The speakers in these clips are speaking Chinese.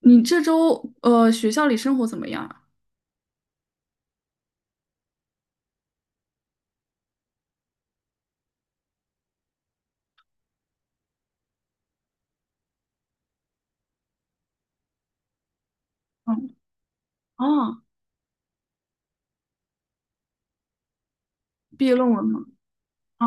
你这周学校里生活怎么样啊？嗯。哦。毕业论文吗？啊。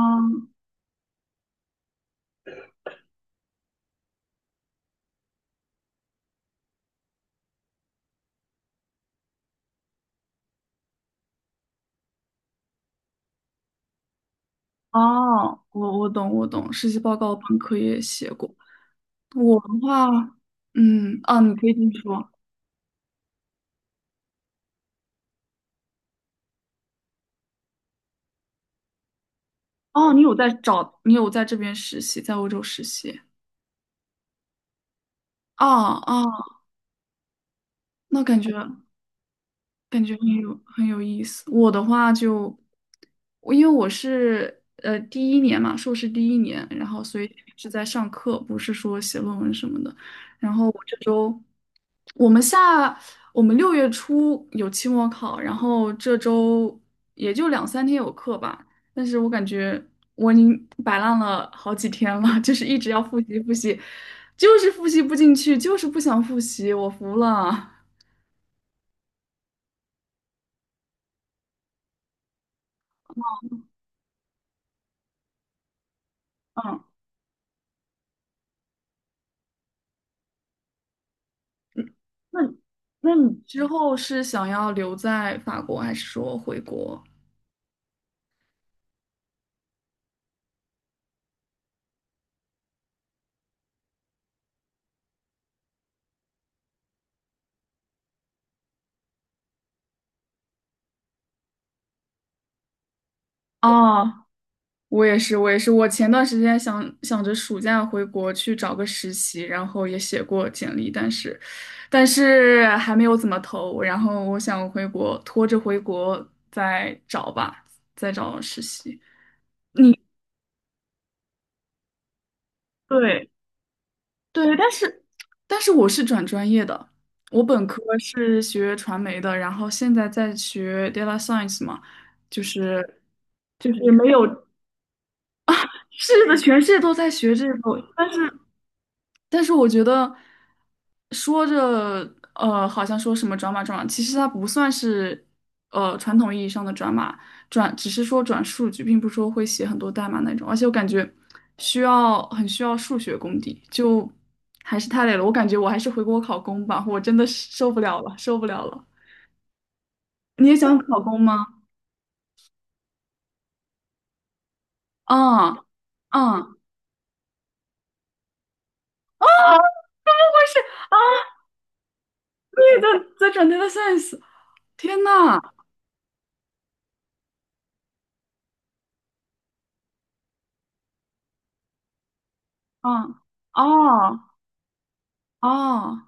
哦，我懂我懂，实习报告本科也写过。我的话。嗯啊，你可以继续说。哦，你有在这边实习，在欧洲实习。哦哦，那感觉。感觉很有意思。我的话就，我因为我是第一年嘛，硕士第一年，然后所以是在上课，不是说写论文什么的。然后我这周，我们下我们六月初有期末考，然后这周也就两三天有课吧。但是我感觉我已经摆烂了好几天了，就是一直要复习复习，就是复习不进去，就是不想复习，我服了。嗯。嗯，那那你之后是想要留在法国，还是说回国？哦，我也是，我也是。我前段时间想着暑假回国去找个实习，然后也写过简历，但是还没有怎么投。然后我想回国，拖着回国再找吧，再找实习。你对，对，但是我是转专业的，我本科是学传媒的，然后现在在学 data science 嘛，就是就是没有，是的，全世界都在学这个，但是我觉得说着好像说什么转码转码，其实它不算是传统意义上的转码，转只是说转数据，并不是说会写很多代码那种。而且我感觉很需要数学功底，就还是太累了。我感觉我还是回国考公吧，我真的是受不了了，受不了了。你也想考公吗？啊啊。对的，在转 data science。天呐。啊。哦哦。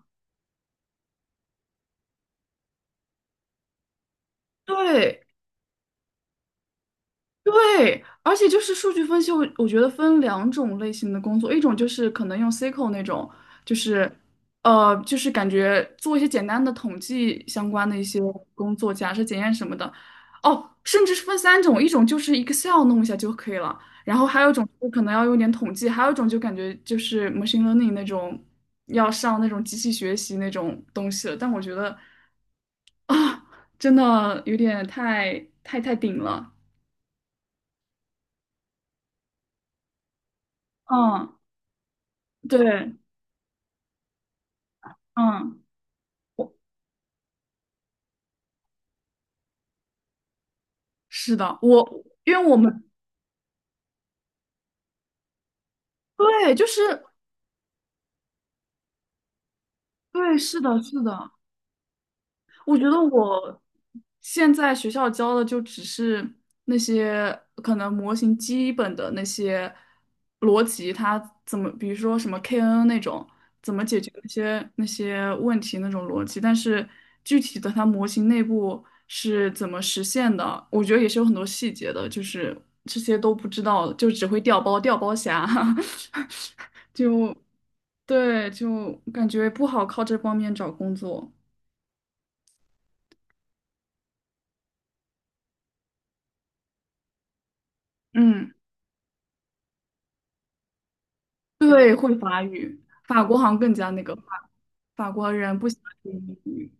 对。对，而且就是数据分析，我觉得分两种类型的工作，一种就是可能用 SQL 那种，就是就是感觉做一些简单的统计相关的一些工作，假设检验什么的。哦，甚至是分三种，一种就是 Excel 弄一下就可以了，然后还有一种就可能要用点统计，还有一种就感觉就是 machine learning 那种要上那种机器学习那种东西了。但我觉得啊，真的有点太顶了。嗯。对。嗯。我是的。我因为我们对，就是对，是的，是的，我觉得我现在学校教的就只是那些可能模型基本的那些逻辑。它怎么，比如说什么 KNN 那种，怎么解决那些问题那种逻辑，但是具体的它模型内部是怎么实现的，我觉得也是有很多细节的，就是这些都不知道，就只会调包调包侠。就对，就感觉不好靠这方面找工作。嗯。对，法国好像更加那个法国人不喜欢学英语。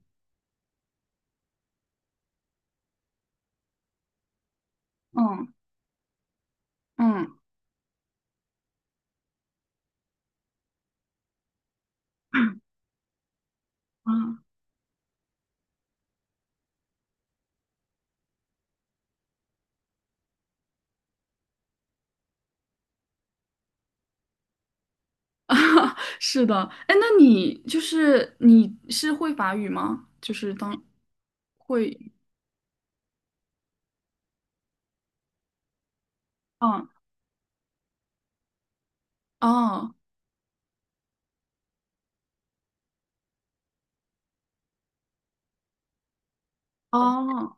嗯。嗯。嗯。啊 是的。哎，那你是会法语吗？就是当会。嗯。哦。哦。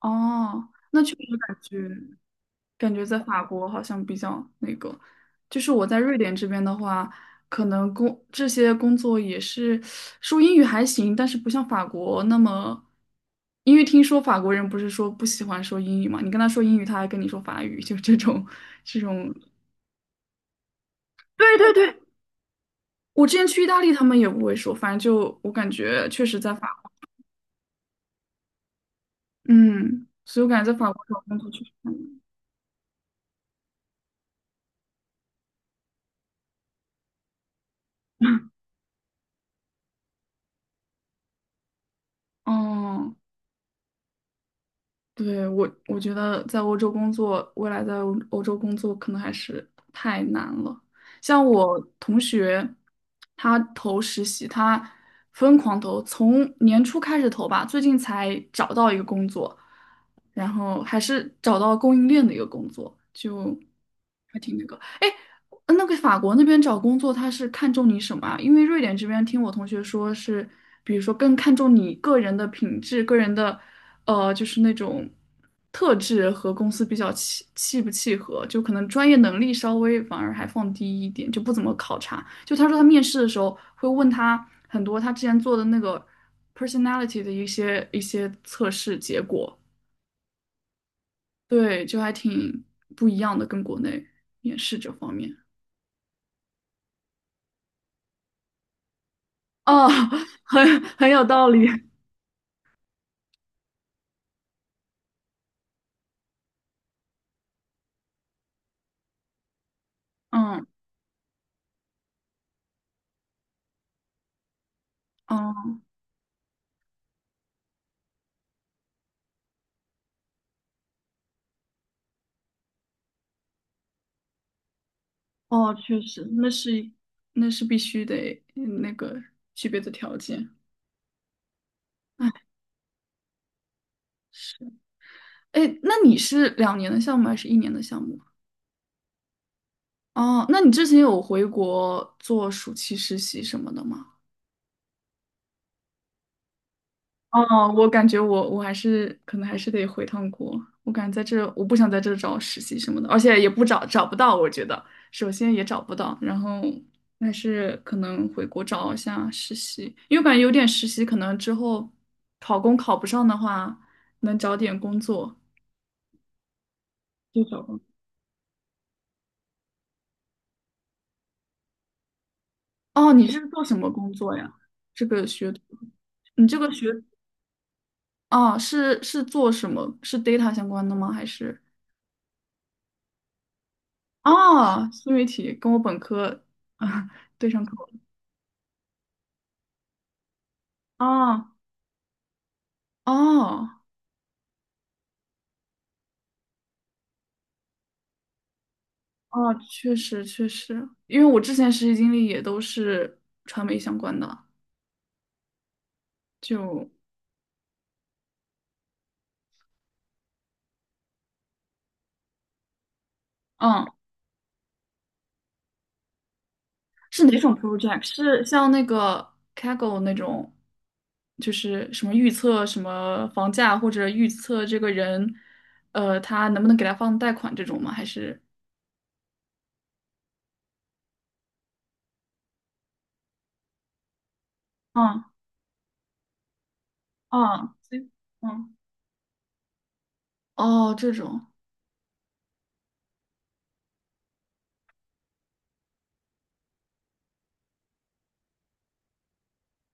哦，那确实感觉。感觉在法国好像比较那个，就是我在瑞典这边的话，可能这些工作也是说英语还行，但是不像法国那么，因为听说法国人不是说不喜欢说英语嘛，你跟他说英语，他还跟你说法语，就这种 对对对，我之前去意大利，他们也不会说，反正就我感觉确实在法国。嗯，所以我感觉在法国找工作确实很难。哦。对，我觉得在欧洲工作，未来在欧洲工作可能还是太难了。像我同学，他投实习，他疯狂投，从年初开始投吧，最近才找到一个工作，然后还是找到供应链的一个工作，就。法国那边找工作，他是看重你什么啊？因为瑞典这边听我同学说是，比如说更看重你个人的品质、个人的，就是那种特质和公司比较契不契合，就可能专业能力稍微反而还放低一点，就不怎么考察。就他说他面试的时候会问他很多他之前做的那个 personality 的一些测试结果。对，就还挺不一样的，跟国内面试这方面。哦。很有道理。嗯。嗯。哦，确实，那是必须得具备的条件。哎。是。哎，那你是2年的项目还是一年的项目？哦，那你之前有回国做暑期实习什么的吗？哦，我感觉我可能还是得回趟国。我感觉在这我不想在这找实习什么的，而且也不找找不到，我觉得首先也找不到，然后还是可能回国找一下实习，因为我感觉有点实习，可能之后考公考不上的话，能找点工作就找工作。哦，你是做什么工作呀？这个学，你这个学，哦，是做什么？是 data 相关的吗？还是？哦，新媒体跟我本科。啊 对上口了。啊。哦。哦，确实确实，因为我之前实习经历也都是传媒相关的，就。嗯，是哪种 project？是像那个 Kaggle 那种，就是什么预测什么房价或者预测这个人，他能不能给他放贷款这种吗？还是？嗯。嗯。嗯。哦，这种。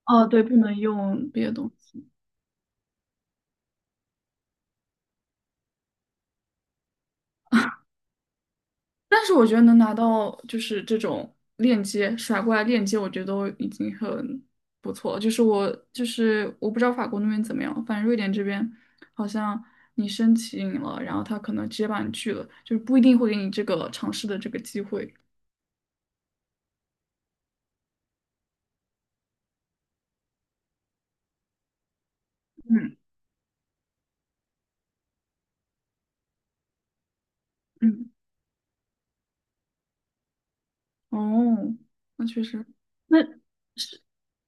哦，对，不能用别的东西。但是我觉得能拿到就是这种链接甩过来链接，我觉得都已经很不错了。就是我不知道法国那边怎么样，反正瑞典这边好像你申请了，然后他可能直接把你拒了，就是不一定会给你这个尝试的这个机会。嗯。嗯。哦，那确实，那是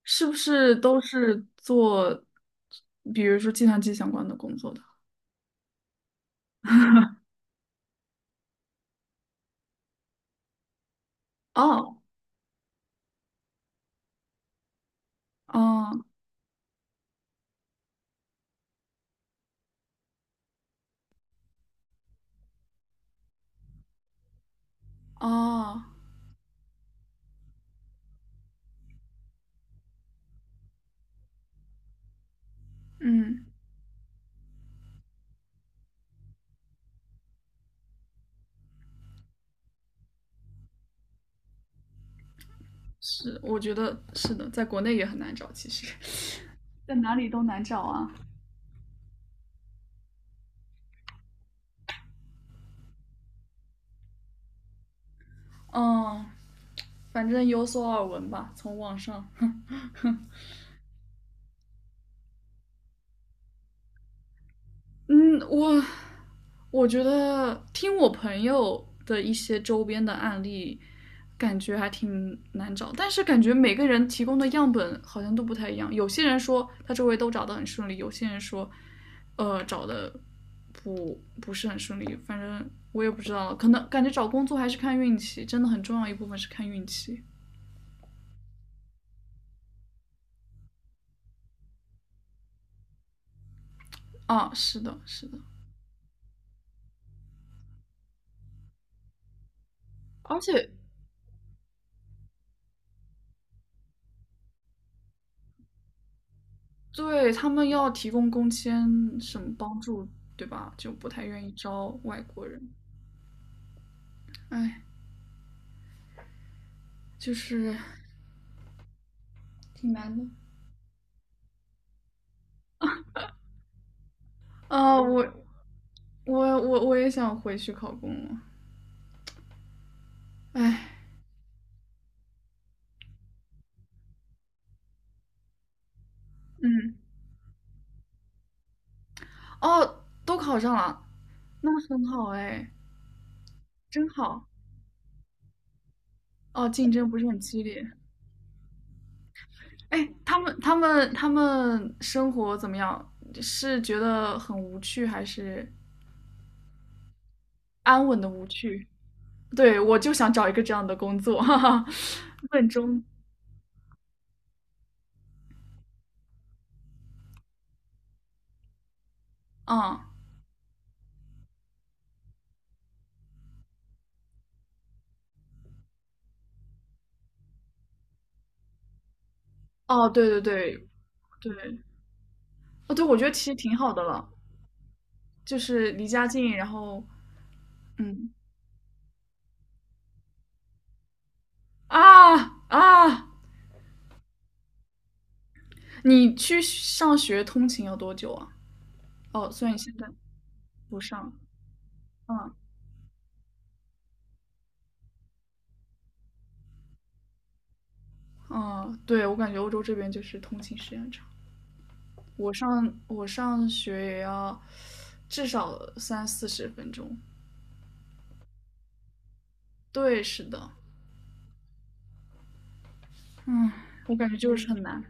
是不是都是做，比如说计算机相关的工作的？哦。哦。哦。嗯。是，我觉得是的，在国内也很难找，其实 在哪里都难找啊。嗯，反正有所耳闻吧，从网上。哼。嗯，我觉得听我朋友的一些周边的案例，感觉还挺难找，但是感觉每个人提供的样本好像都不太一样。有些人说他周围都找得很顺利，有些人说，找的不是很顺利。反正我也不知道了，可能感觉找工作还是看运气，真的很重要一部分是看运气啊。是的，是的，而且对，他们要提供工签什么帮助，对吧？就不太愿意招外国人。哎，就是挺难的。啊，我也想回去考公了。哎。嗯。哦，都考上了，那很好哎，真好。哦，竞争不是很激烈。哎，他们生活怎么样？是觉得很无趣，还是安稳的无趣？对，我就想找一个这样的工作，哈哈，稳中嗯。哦，对对对对。哦对，我觉得其实挺好的了，就是离家近，然后嗯。啊。啊，你去上学通勤要多久啊？哦，虽然你现在不上。嗯。嗯，对，我感觉欧洲这边就是通勤时间很长，我上学也要至少三四十分钟。对，是的。嗯，我感觉就是很难，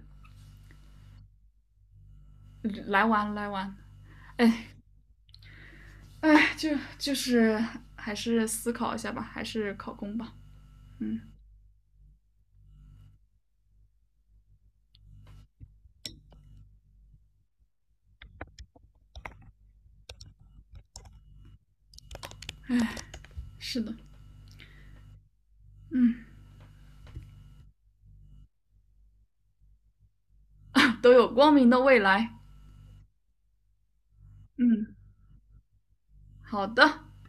来玩来玩。哎。哎，就是还是思考一下吧，还是考公吧。嗯。是的。嗯，都有光明的未来。嗯。好的。